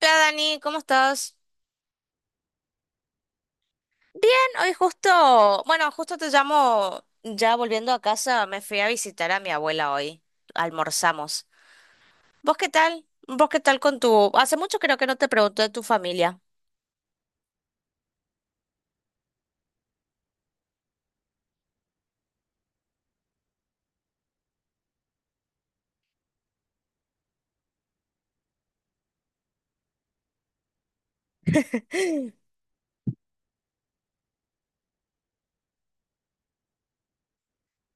Hola Dani, ¿cómo estás? Bien, hoy justo, bueno, justo te llamo, ya volviendo a casa, me fui a visitar a mi abuela hoy, almorzamos. ¿Vos qué tal? Hace mucho creo que no te pregunto de tu familia,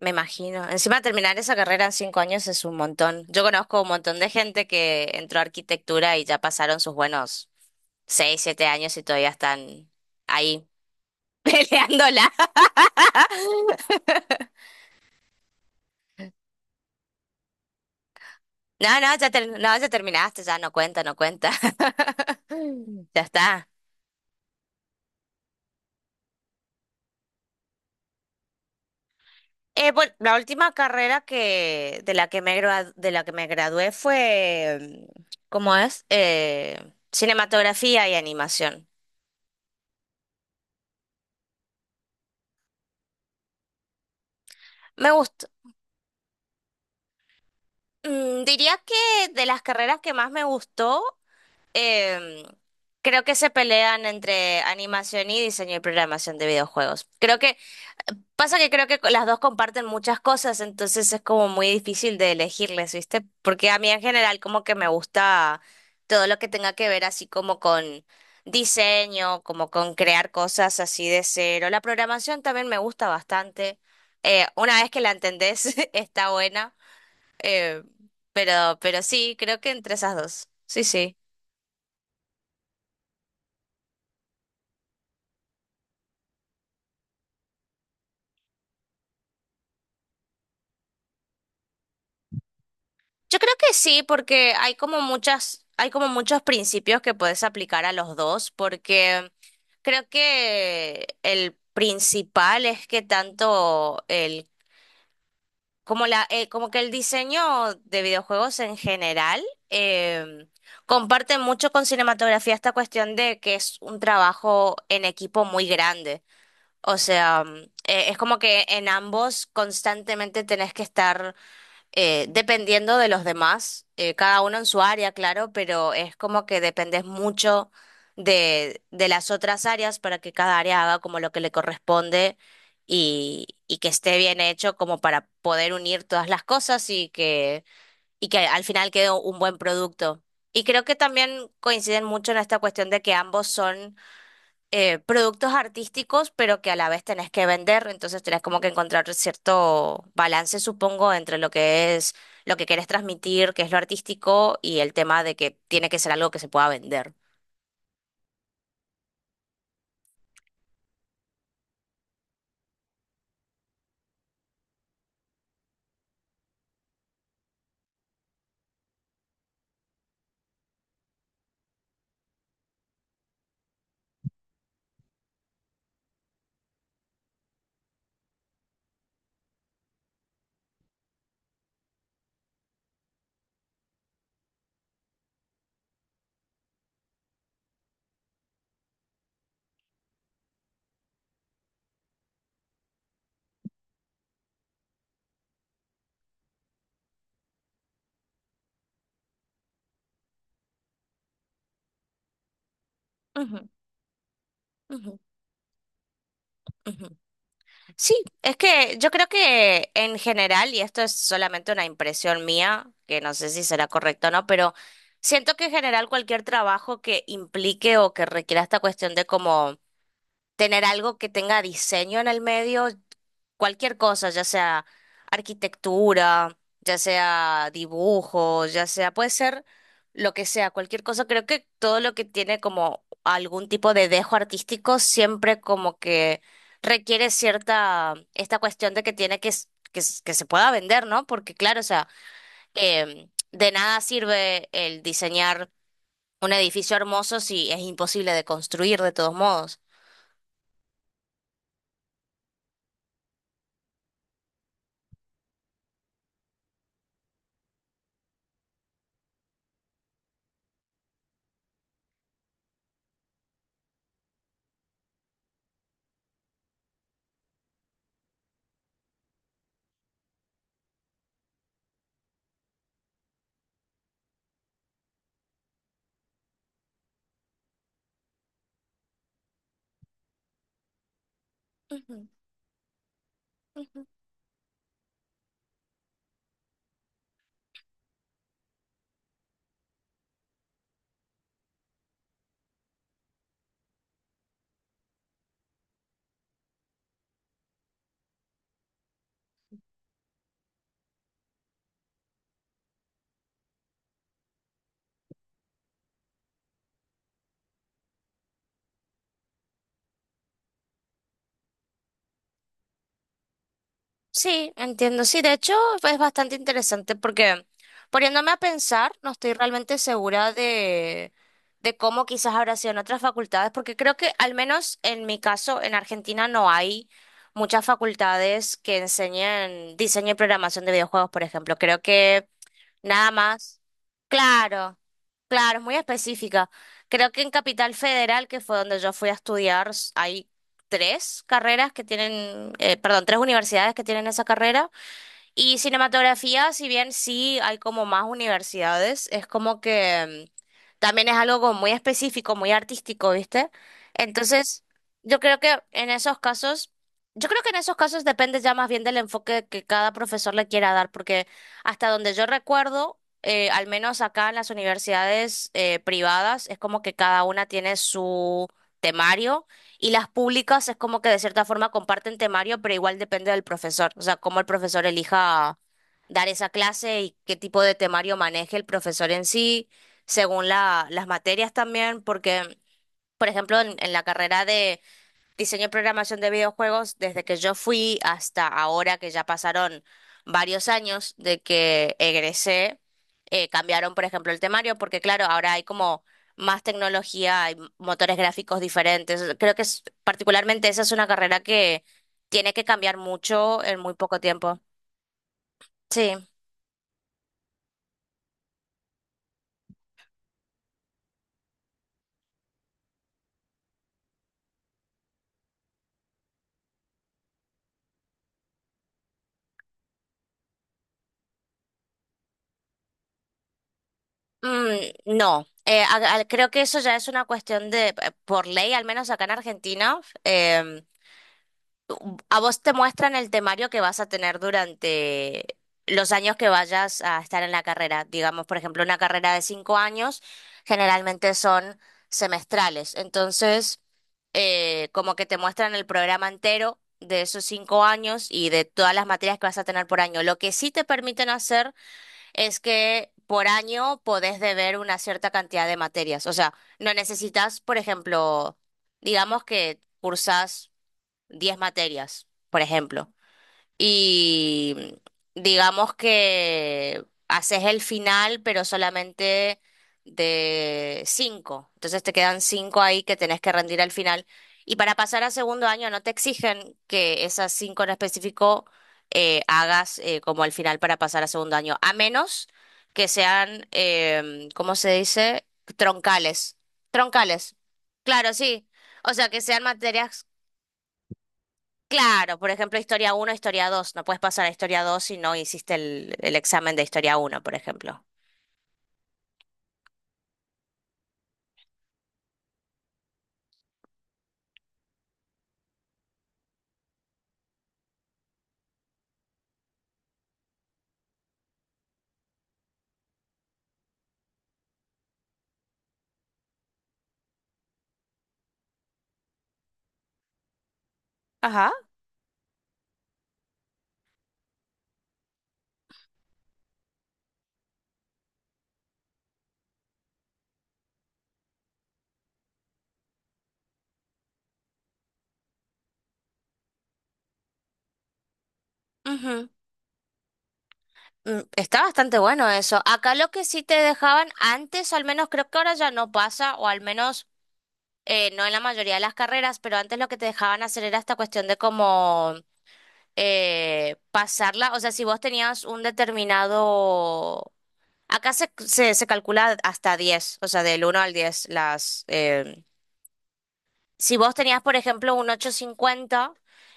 me imagino. Encima terminar esa carrera en 5 años es un montón. Yo conozco un montón de gente que entró a arquitectura y ya pasaron sus buenos 6, 7 años y todavía están ahí peleándola. No, no, ya, no, ya terminaste, ya no cuenta, no cuenta. Ya está. Bueno, la última carrera que de la que me gradua- de la que me gradué fue, ¿cómo es? Cinematografía y animación. Me gustó. Diría que de las carreras que más me gustó, em, creo que se pelean entre animación y diseño y programación de videojuegos. Creo que Pasa que creo que las dos comparten muchas cosas, entonces es como muy difícil de elegirles, ¿viste? Porque a mí en general como que me gusta todo lo que tenga que ver así como con diseño, como con crear cosas así de cero. La programación también me gusta bastante. Una vez que la entendés, está buena. Eh, pero sí, creo que entre esas dos. Sí, sí. Yo creo que sí, porque hay como muchos principios que puedes aplicar a los dos, porque creo que el principal es que tanto el, como la, como que el diseño de videojuegos en general em, comparte mucho con cinematografía esta cuestión de que es un trabajo en equipo muy grande. O sea, es como que en ambos constantemente tenés que estar dependiendo de los demás, cada uno en su área, claro, pero es como que dependes mucho de las otras áreas para que cada área haga como lo que le corresponde y que esté bien hecho como para poder unir todas las cosas y que al final quede un buen producto. Y creo que también coinciden mucho en esta cuestión de que ambos son productos artísticos, pero que a la vez tenés que vender, entonces tenés como que encontrar cierto balance, supongo, entre lo que es lo que querés transmitir, que es lo artístico, y el tema de que tiene que ser algo que se pueda vender. Ujú, ujú, ujú. Sí, es que yo creo que en general, y esto es solamente una impresión mía, que no sé si será correcto o no, pero siento que en general cualquier trabajo que implique o que requiera esta cuestión de como tener algo que tenga diseño en el medio, cualquier cosa, ya sea arquitectura, ya sea dibujo, puede ser lo que sea, cualquier cosa. Creo que todo lo que tiene como algún tipo de dejo artístico siempre como que requiere esta cuestión de que tiene que se pueda vender, ¿no? Porque claro, o sea, de nada sirve el diseñar un edificio hermoso si es imposible de construir de todos modos. Ujú, ujú. Sí, entiendo. Sí, de hecho es bastante interesante porque poniéndome a pensar, no estoy realmente segura de cómo quizás habrá sido en otras facultades, porque creo que al menos en mi caso, en Argentina no hay muchas facultades que enseñen diseño y programación de videojuegos, por ejemplo. Creo que Nada más. Claro, claro, es muy específica. Creo que en Capital Federal, que fue donde yo fui a estudiar, hay tres carreras que tienen, perdón, tres universidades que tienen esa carrera. Y cinematografía, si bien sí hay como más universidades, es como que también es algo como muy específico, muy artístico, ¿viste? Entonces, yo creo que en esos casos, yo creo que en esos casos depende ya más bien del enfoque que cada profesor le quiera dar, porque hasta donde yo recuerdo, al menos acá en las universidades privadas, es como que cada una tiene su temario y las públicas es como que de cierta forma comparten temario, pero igual depende del profesor. O sea, cómo el profesor elija dar esa clase y qué tipo de temario maneje el profesor en sí, según las materias también, porque, por ejemplo, en la carrera diseño y programación de videojuegos desde que yo fui hasta ahora que ya pasaron varios años de que egresé, cambiaron, por ejemplo, el temario, porque claro, ahora hay como más tecnología, hay motores gráficos diferentes. Particularmente esa es una carrera que tiene que cambiar mucho en muy poco tiempo. Sí. Mm, no, creo que eso ya es una cuestión de, por ley, al menos acá en Argentina, a vos te muestran el temario que vas a tener durante los años que vayas a estar en la carrera. Digamos, por ejemplo, una carrera de 5 años generalmente son semestrales. Entonces, como que te muestran el programa entero de esos 5 años y de todas las materias que vas a tener por año. Lo que sí te permiten hacer es que por año podés deber una cierta cantidad de materias. O sea, no necesitas, por ejemplo, digamos que cursas 10 materias, por ejemplo, y digamos que haces el final, pero solamente de 5. Entonces te quedan cinco ahí que tenés que rendir al final. Y para pasar a segundo año no te exigen que esas 5 en específico hagas como el final para pasar a segundo año, a menos que sean, ¿cómo se dice? Troncales. Troncales. Claro, sí. O sea, que sean materias Claro, por ejemplo, historia uno, historia dos. No puedes pasar a historia 2 si no hiciste el examen de historia uno, por ejemplo. Ajá. Ujú. Está bastante bueno eso. Acá lo que sí te dejaban antes, o al menos creo que ahora ya no pasa, o al menos no en la mayoría de las carreras, pero antes lo que te dejaban hacer era esta cuestión de cómo pasarla. O sea, si vos tenías un determinado. Acá se calcula hasta 10, o sea, del uno al diez. Si vos tenías, por ejemplo, un 8,50,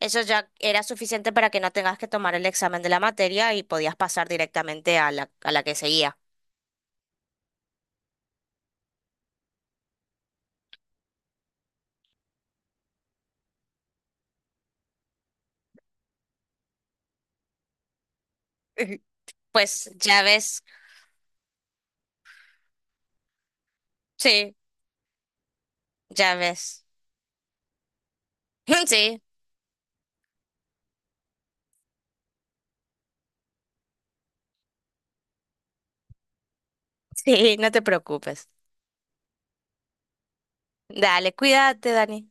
eso ya era suficiente para que no tengas que tomar el examen de la materia y podías pasar directamente a la que seguía. Pues ya ves, sí, ya ves. Sí, sí, no te preocupes. Dale, cuídate, Dani.